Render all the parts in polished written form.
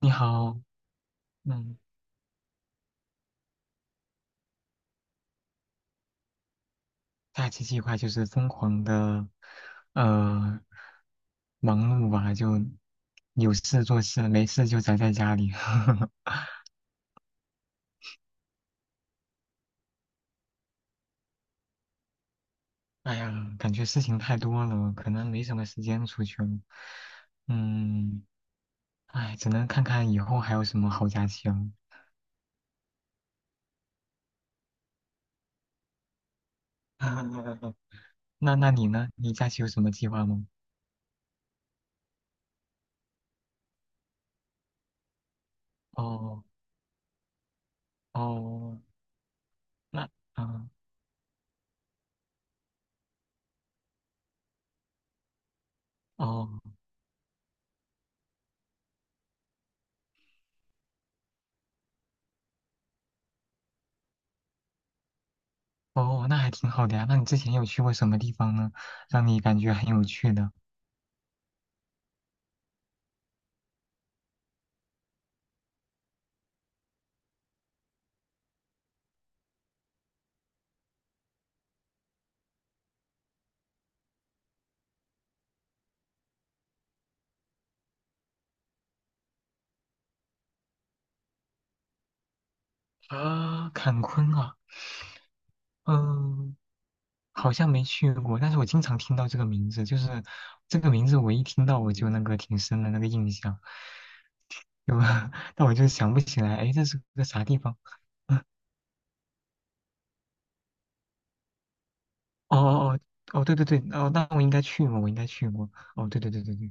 你好。嗯，假期计划就是疯狂的，呃，忙碌吧，就有事做事，没事就宅在家里。哎呀，感觉事情太多了，可能没什么时间出去了。嗯，哎，只能看看以后还有什么好假期了。那你呢？你假期有什么计划吗？哦哦，那嗯。哦哦，那还挺好的呀。那你之前有去过什么地方呢？让你感觉很有趣的？啊，坎昆啊，嗯，好像没去过，但是我经常听到这个名字，就是这个名字我一听到我就那个挺深的那个印象，有，但我就想不起来，哎，这是个啥地方？哦哦哦哦，对对对，哦，那我应该去过，我应该去过。哦，对对对对对，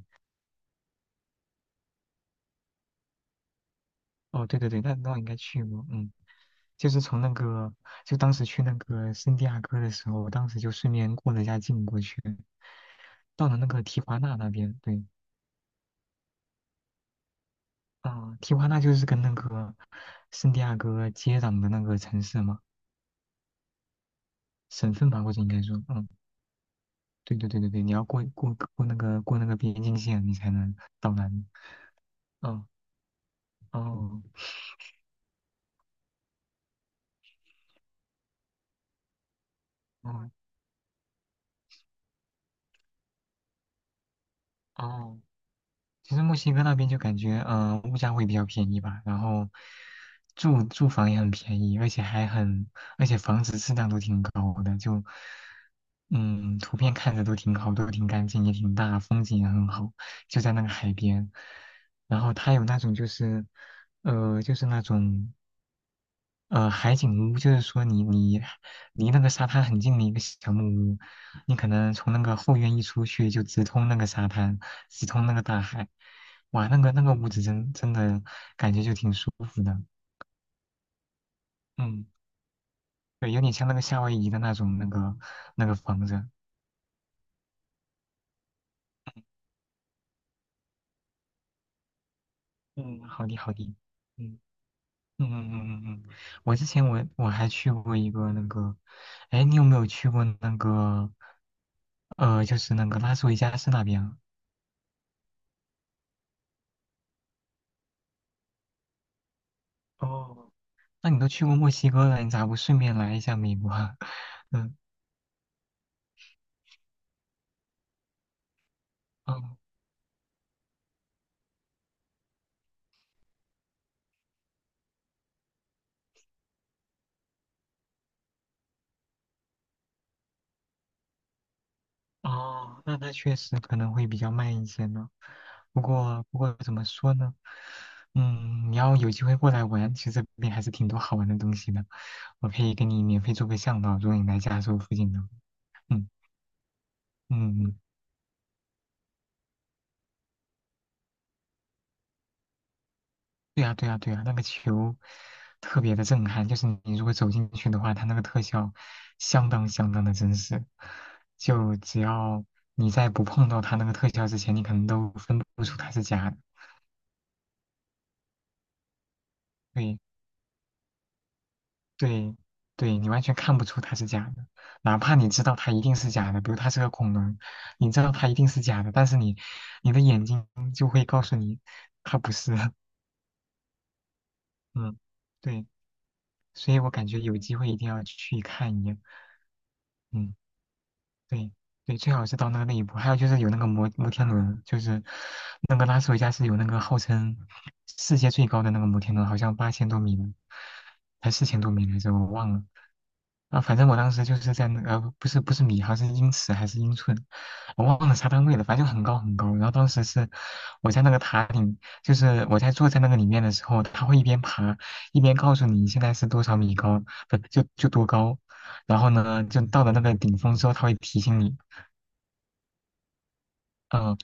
哦，对对对，那我应该去过，嗯，就是从那个，就当时去那个圣地亚哥的时候，我当时就顺便过了一下境过去，到了那个提华纳那边，对，啊、提华纳就是跟那个圣地亚哥接壤的那个城市嘛，省份吧，或者应该说，嗯，对对对对对，你要过那个那个边境线，你才能到那里，嗯，哦，哦，哦。其实墨西哥那边就感觉，物价会比较便宜吧，然后住房也很便宜，而且还很，而且房子质量都挺高的，就，嗯，图片看着都挺好，都挺干净，也挺大，风景也很好，就在那个海边。然后它有那种就是，就是那种海景屋就是说你离那个沙滩很近的一个小木屋，你可能从那个后院一出去就直通那个沙滩，直通那个大海，哇，那个屋子真的感觉就挺舒服的，嗯，对，有点像那个夏威夷的那种那个房子，嗯，好的好的，嗯嗯嗯嗯嗯嗯，我之前我还去过一个那个，哎，你有没有去过那个，就是那个拉斯维加斯那边啊哦。那你都去过墨西哥了，你咋不顺便来一下美国啊 嗯，哦哦，那确实可能会比较慢一些呢。不过怎么说呢？嗯，你要有机会过来玩，其实这边还是挺多好玩的东西的。我可以给你免费做个向导，如果你来加州附近的话。嗯嗯嗯对呀，对呀，对呀，那个球特别的震撼，就是你如果走进去的话，它那个特效相当相当的真实。就只要你在不碰到它那个特效之前，你可能都分不出它是假的。对对对，你完全看不出它是假的，哪怕你知道它一定是假的，比如它是个恐龙，你知道它一定是假的，但是你的眼睛就会告诉你它不是。嗯，对，所以我感觉有机会一定要去看一眼。嗯。对对，最好是到那个那一步。还有就是有那个摩天轮，就是那个拉斯维加斯有那个号称世界最高的那个摩天轮，好像8000多米呢，还4000多米来着，我忘了。啊，反正我当时就是在那个，不是不是米，好像是英尺还是英寸，我忘了啥单位了，反正就很高很高。然后当时是我在那个塔顶，就是我在坐在那个里面的时候，他会一边爬一边告诉你现在是多少米高，不就多高。然后呢，就到了那个顶峰之后，它会提醒你，嗯、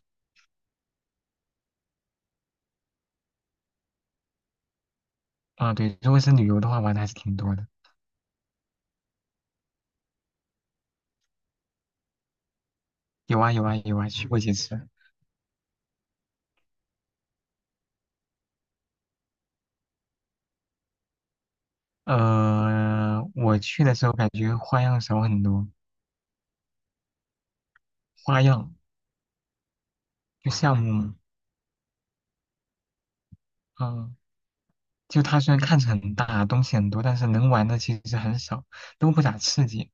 啊，对，如果是旅游的话，玩的还是挺多的，有啊有啊有啊，去过几次。我去的时候感觉花样少很多，花样就项目嗯，啊就它虽然看着很大，东西很多，但是能玩的其实很少，都不咋刺激。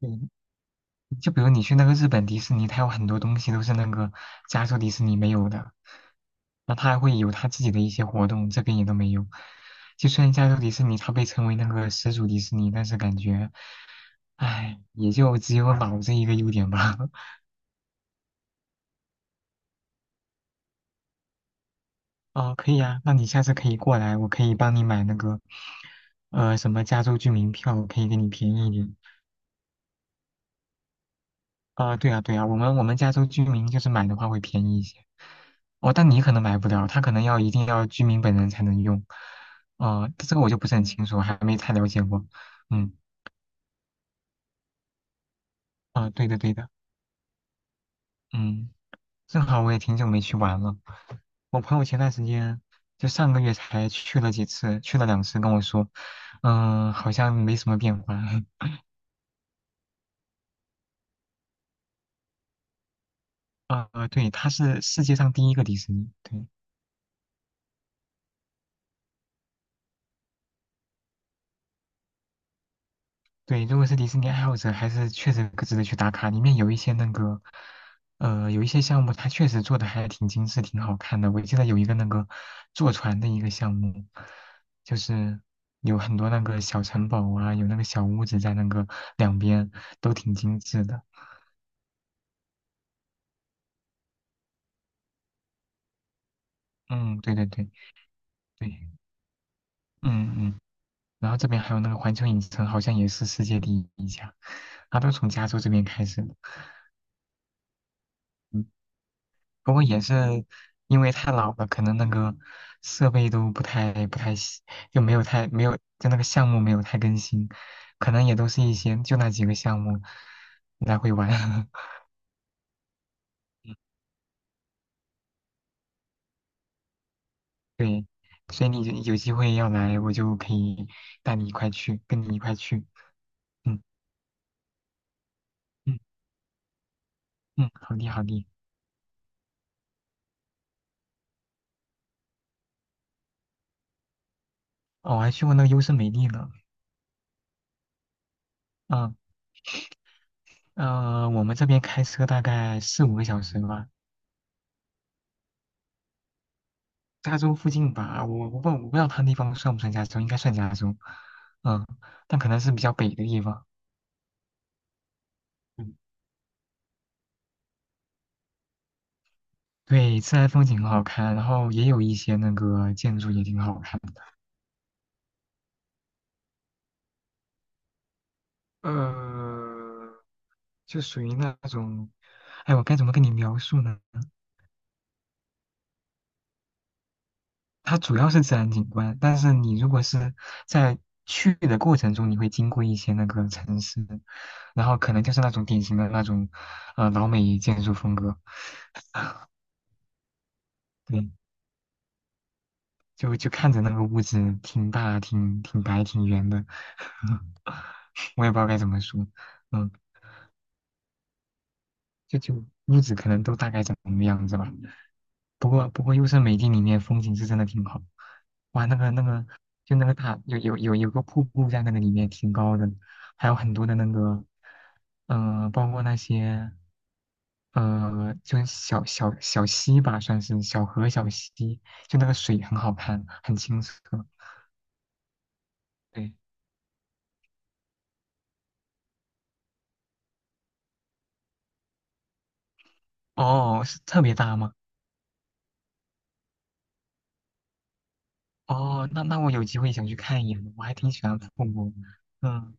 对，就比如你去那个日本迪士尼，它有很多东西都是那个加州迪士尼没有的，那它还会有它自己的一些活动，这边也都没有。就虽然加州迪士尼它被称为那个始祖迪士尼，但是感觉，唉，也就只有老这一个优点吧。哦，可以啊，那你下次可以过来，我可以帮你买那个，什么加州居民票，可以给你便宜一点。啊，对啊，对啊，我们加州居民就是买的话会便宜一些，哦，但你可能买不了，他可能一定要居民本人才能用，啊、这个我就不是很清楚，还没太了解过，嗯，啊，对的对的，嗯，正好我也挺久没去玩了，我朋友前段时间就上个月才去了几次，去了两次，跟我说，好像没什么变化，啊、对，它是世界上第一个迪士尼，对，对，如果是迪士尼爱好者，还是确实值得去打卡。里面有一些那个，有一些项目，它确实做的还挺精致、挺好看的。我记得有一个那个坐船的一个项目，就是有很多那个小城堡啊，有那个小屋子在那个两边，都挺精致的。嗯，对对对对，嗯嗯。然后这边还有那个环球影城，好像也是世界第一家，它都从加州这边开始的。嗯不过也是因为太老了，可能那个设备都不太新，就没有太没有就那个项目没有太更新，可能也都是一些就那几个项目来回玩。对，所以你有机会要来，我就可以带你一块去，跟你一块去。嗯嗯嗯，好的好的。哦，我还去过那个优胜美地呢。嗯，我们这边开车大概四五个小时吧。加州附近吧，我不知道它那地方算不算加州，应该算加州，嗯，但可能是比较北的地方。嗯，对，自然风景很好看，然后也有一些那个建筑也挺好看的。呃，就属于那种，哎，我该怎么跟你描述呢？它主要是自然景观，但是你如果是在去的过程中，你会经过一些那个城市，然后可能就是那种典型的那种，老美建筑风格。对，就看着那个屋子挺大、挺白、挺圆的，我也不知道该怎么说，嗯，就屋子可能都大概长什么样子吧。不过优胜美地里面风景是真的挺好，哇，那个就那个大有个瀑布在那个里面挺高的，还有很多的那个，包括那些就是小溪吧，算是小河小溪，就那个水很好看，很清澈。对，哦，是特别大吗？哦，那我有机会想去看一眼的我还挺喜欢复古。嗯，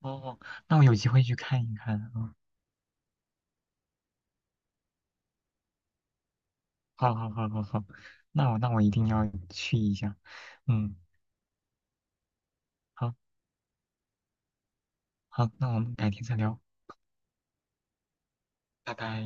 哦，那我有机会去看一看。嗯，好好好好好，那我一定要去一下。嗯，好好，那我们改天再聊，拜拜。